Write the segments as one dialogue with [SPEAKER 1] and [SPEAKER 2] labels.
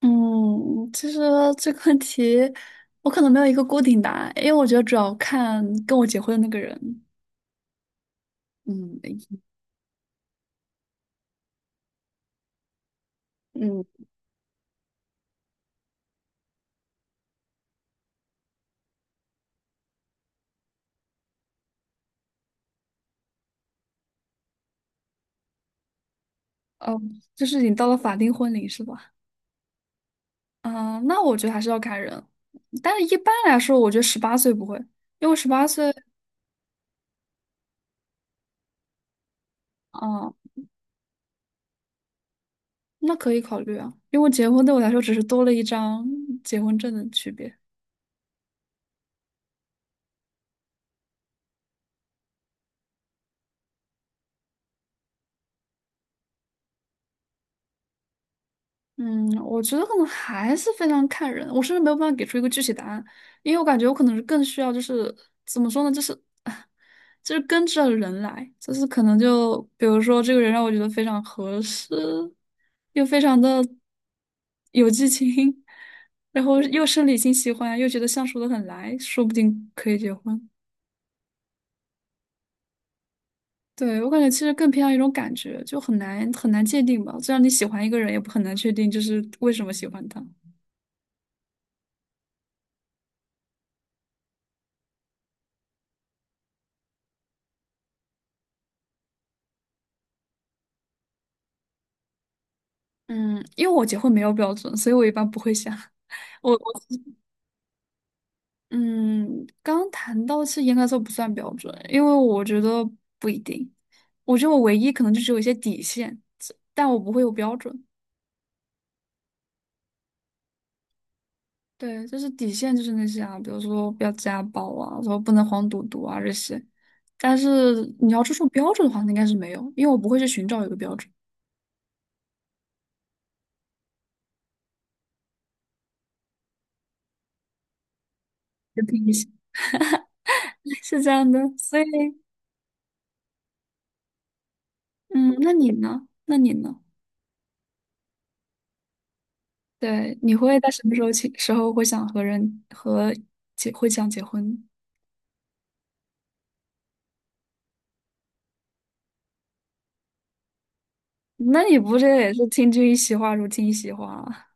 [SPEAKER 1] 嗯，其实 这个问题我可能没有一个固定答案，因为我觉得主要看跟我结婚的那个人。嗯。嗯。哦，就是你到了法定婚龄是吧？啊、那我觉得还是要看人，但是一般来说，我觉得十八岁不会，因为十八岁，啊，那可以考虑啊，因为结婚对我来说只是多了一张结婚证的区别。嗯，我觉得可能还是非常看人，我甚至没有办法给出一个具体答案，因为我感觉我可能是更需要就是怎么说呢，就是 就是跟着人来，就是可能就比如说这个人让我觉得非常合适，又非常的有激情，然后又生理性喜欢，又觉得相处的很来，说不定可以结婚。对，我感觉其实更偏向一种感觉，就很难很难界定吧。就像你喜欢一个人，也不很难确定就是为什么喜欢他。嗯，因为我结婚没有标准，所以我一般不会想。我。嗯，刚谈到是应该说不算标准，因为我觉得不一定。我觉得我唯一可能就是有一些底线，但我不会有标准。对，就是底线就是那些啊，比如说不要家暴啊，说不能黄赌毒啊这些。但是你要注重标准的话，那应该是没有，因为我不会去寻找一个标准。就凭一些 是这样的，所以嗯，那你呢？那你呢？对，你会在什么时候起时候会想和人和结会想结婚？那你不是也是听君一席话，如听一席话啊？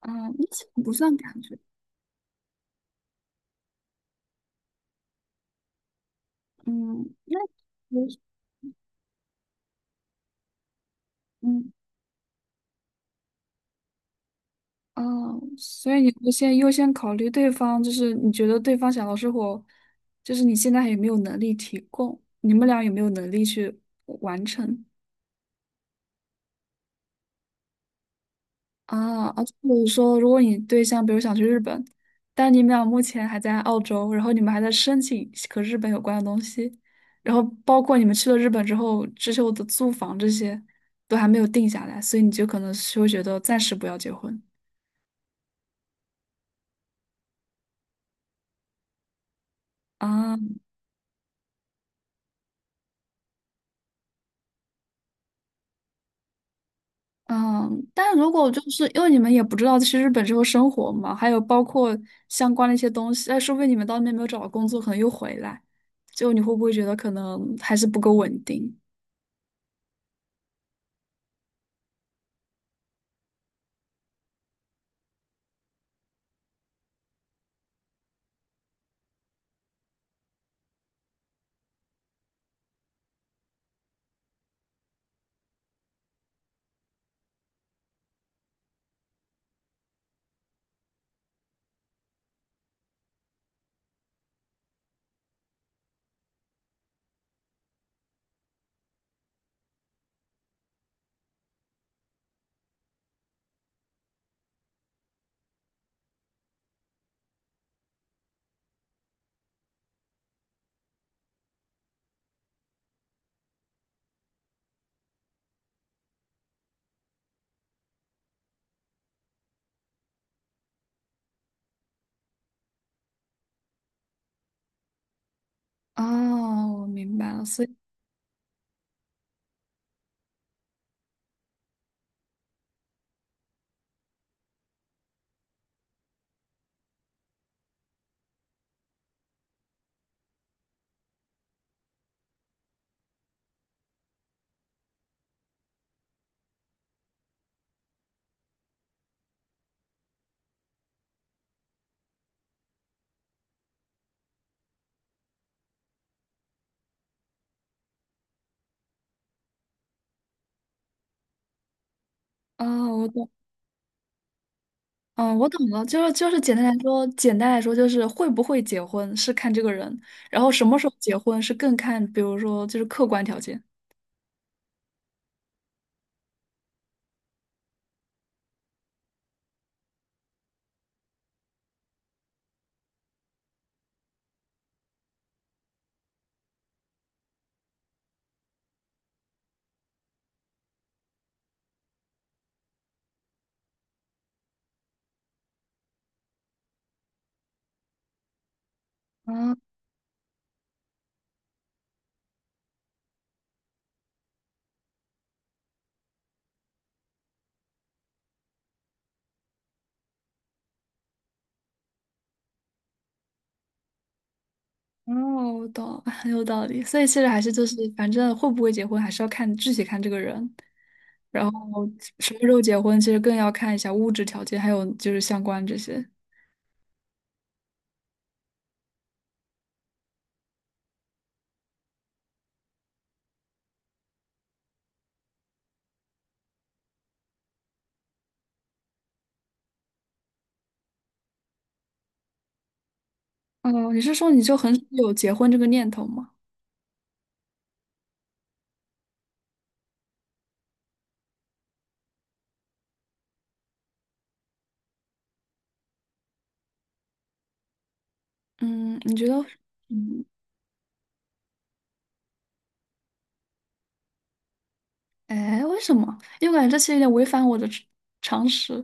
[SPEAKER 1] 嗯，那这个不算感觉。嗯，那其实嗯。哦，所以你会先优先考虑对方，就是你觉得对方想要生活，就是你现在还有没有能力提供，你们俩有没有能力去完成？啊啊，就是说，如果你对象比如想去日本，但你们俩目前还在澳洲，然后你们还在申请和日本有关的东西，然后包括你们去了日本之后，之后的租房这些都还没有定下来，所以你就可能是会觉得暂时不要结婚啊。嗯，但如果就是因为你们也不知道去日本之后生活嘛，还有包括相关的一些东西，哎，说不定你们到那边没有找到工作，可能又回来，就你会不会觉得可能还是不够稳定？哦，我明白了，所以，哦，我懂，嗯，我懂了，就是简单来说，简单来说就是会不会结婚是看这个人，然后什么时候结婚是更看，比如说就是客观条件。啊，哦，我懂了很 有道理。所以其实还是就是，反正会不会结婚还是要看具体看这个人，然后什么时候结婚，其实更要看一下物质条件，还有就是相关这些。哦，你是说你就很少有结婚这个念头吗？嗯，你觉得？嗯。哎，为什么？因为我感觉这其实有点违反我的常识，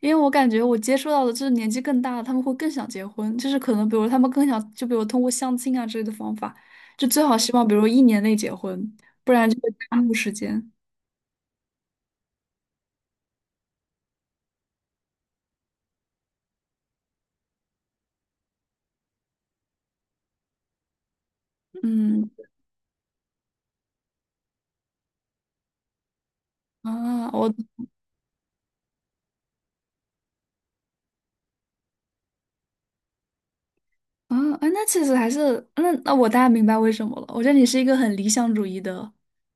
[SPEAKER 1] 因为我感觉我接触到的就是年纪更大的，他们会更想结婚，就是可能比如他们更想，就比如通过相亲啊之类的方法，就最好希望比如1年内结婚，不然就会耽误时间。嗯。啊，我。啊啊，那其实还是那我大概明白为什么了。我觉得你是一个很理想主义的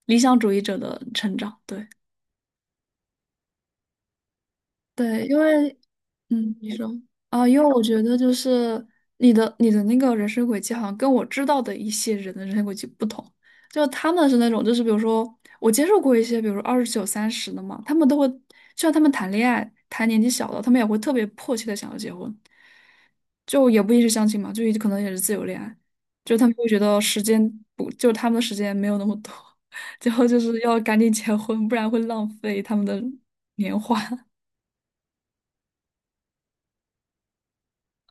[SPEAKER 1] 理想主义者的成长，对。对，因为嗯，你说啊，因为我觉得就是你的那个人生轨迹，好像跟我知道的一些人的人生轨迹不同。就他们是那种，就是比如说我接触过一些，比如说29、30的嘛，他们都会，就算他们谈恋爱，谈年纪小的，他们也会特别迫切的想要结婚，就也不一定是相亲嘛，就可能也是自由恋爱，就他们会觉得时间不，就他们的时间没有那么多，最后就是要赶紧结婚，不然会浪费他们的年华。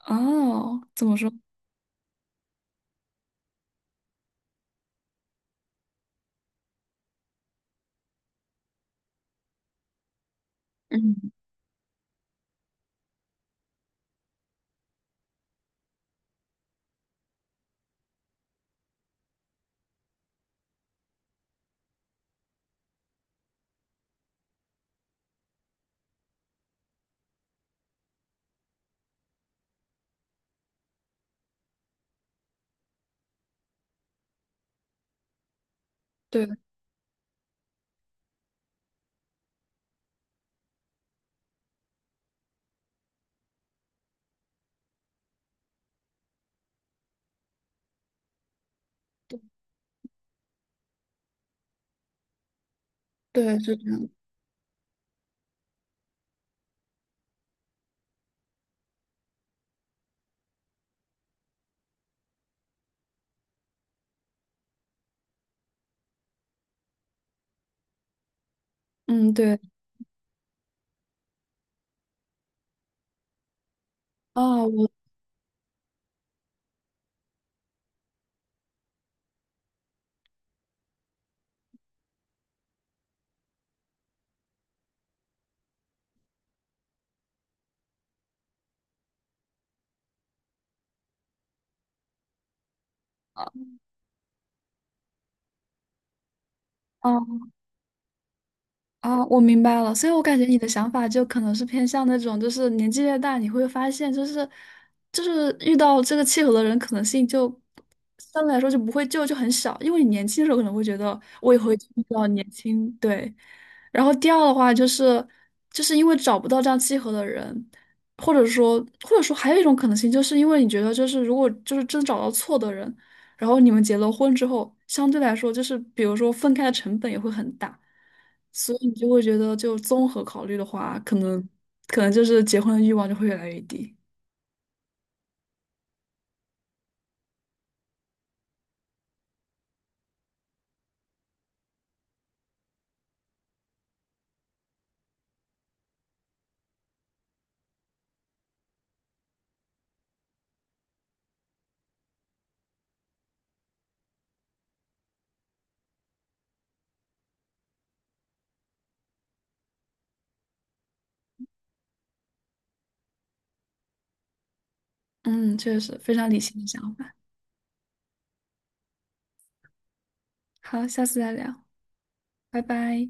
[SPEAKER 1] 哦，怎么说？嗯，对对对，就这样。嗯，对。啊，我。啊啊，我明白了。所以我感觉你的想法就可能是偏向那种，就是年纪越大，你会发现，就是遇到这个契合的人可能性就相对来说就不会就很小，因为你年轻的时候可能会觉得我也会一定遇到年轻，对。然后第二的话就是，就是因为找不到这样契合的人，或者说还有一种可能性，就是因为你觉得就是如果就是真找到错的人。然后你们结了婚之后，相对来说就是比如说分开的成本也会很大，所以你就会觉得就综合考虑的话，可能就是结婚的欲望就会越来越低。嗯，确实非常理性的想法。好，下次再聊，拜拜。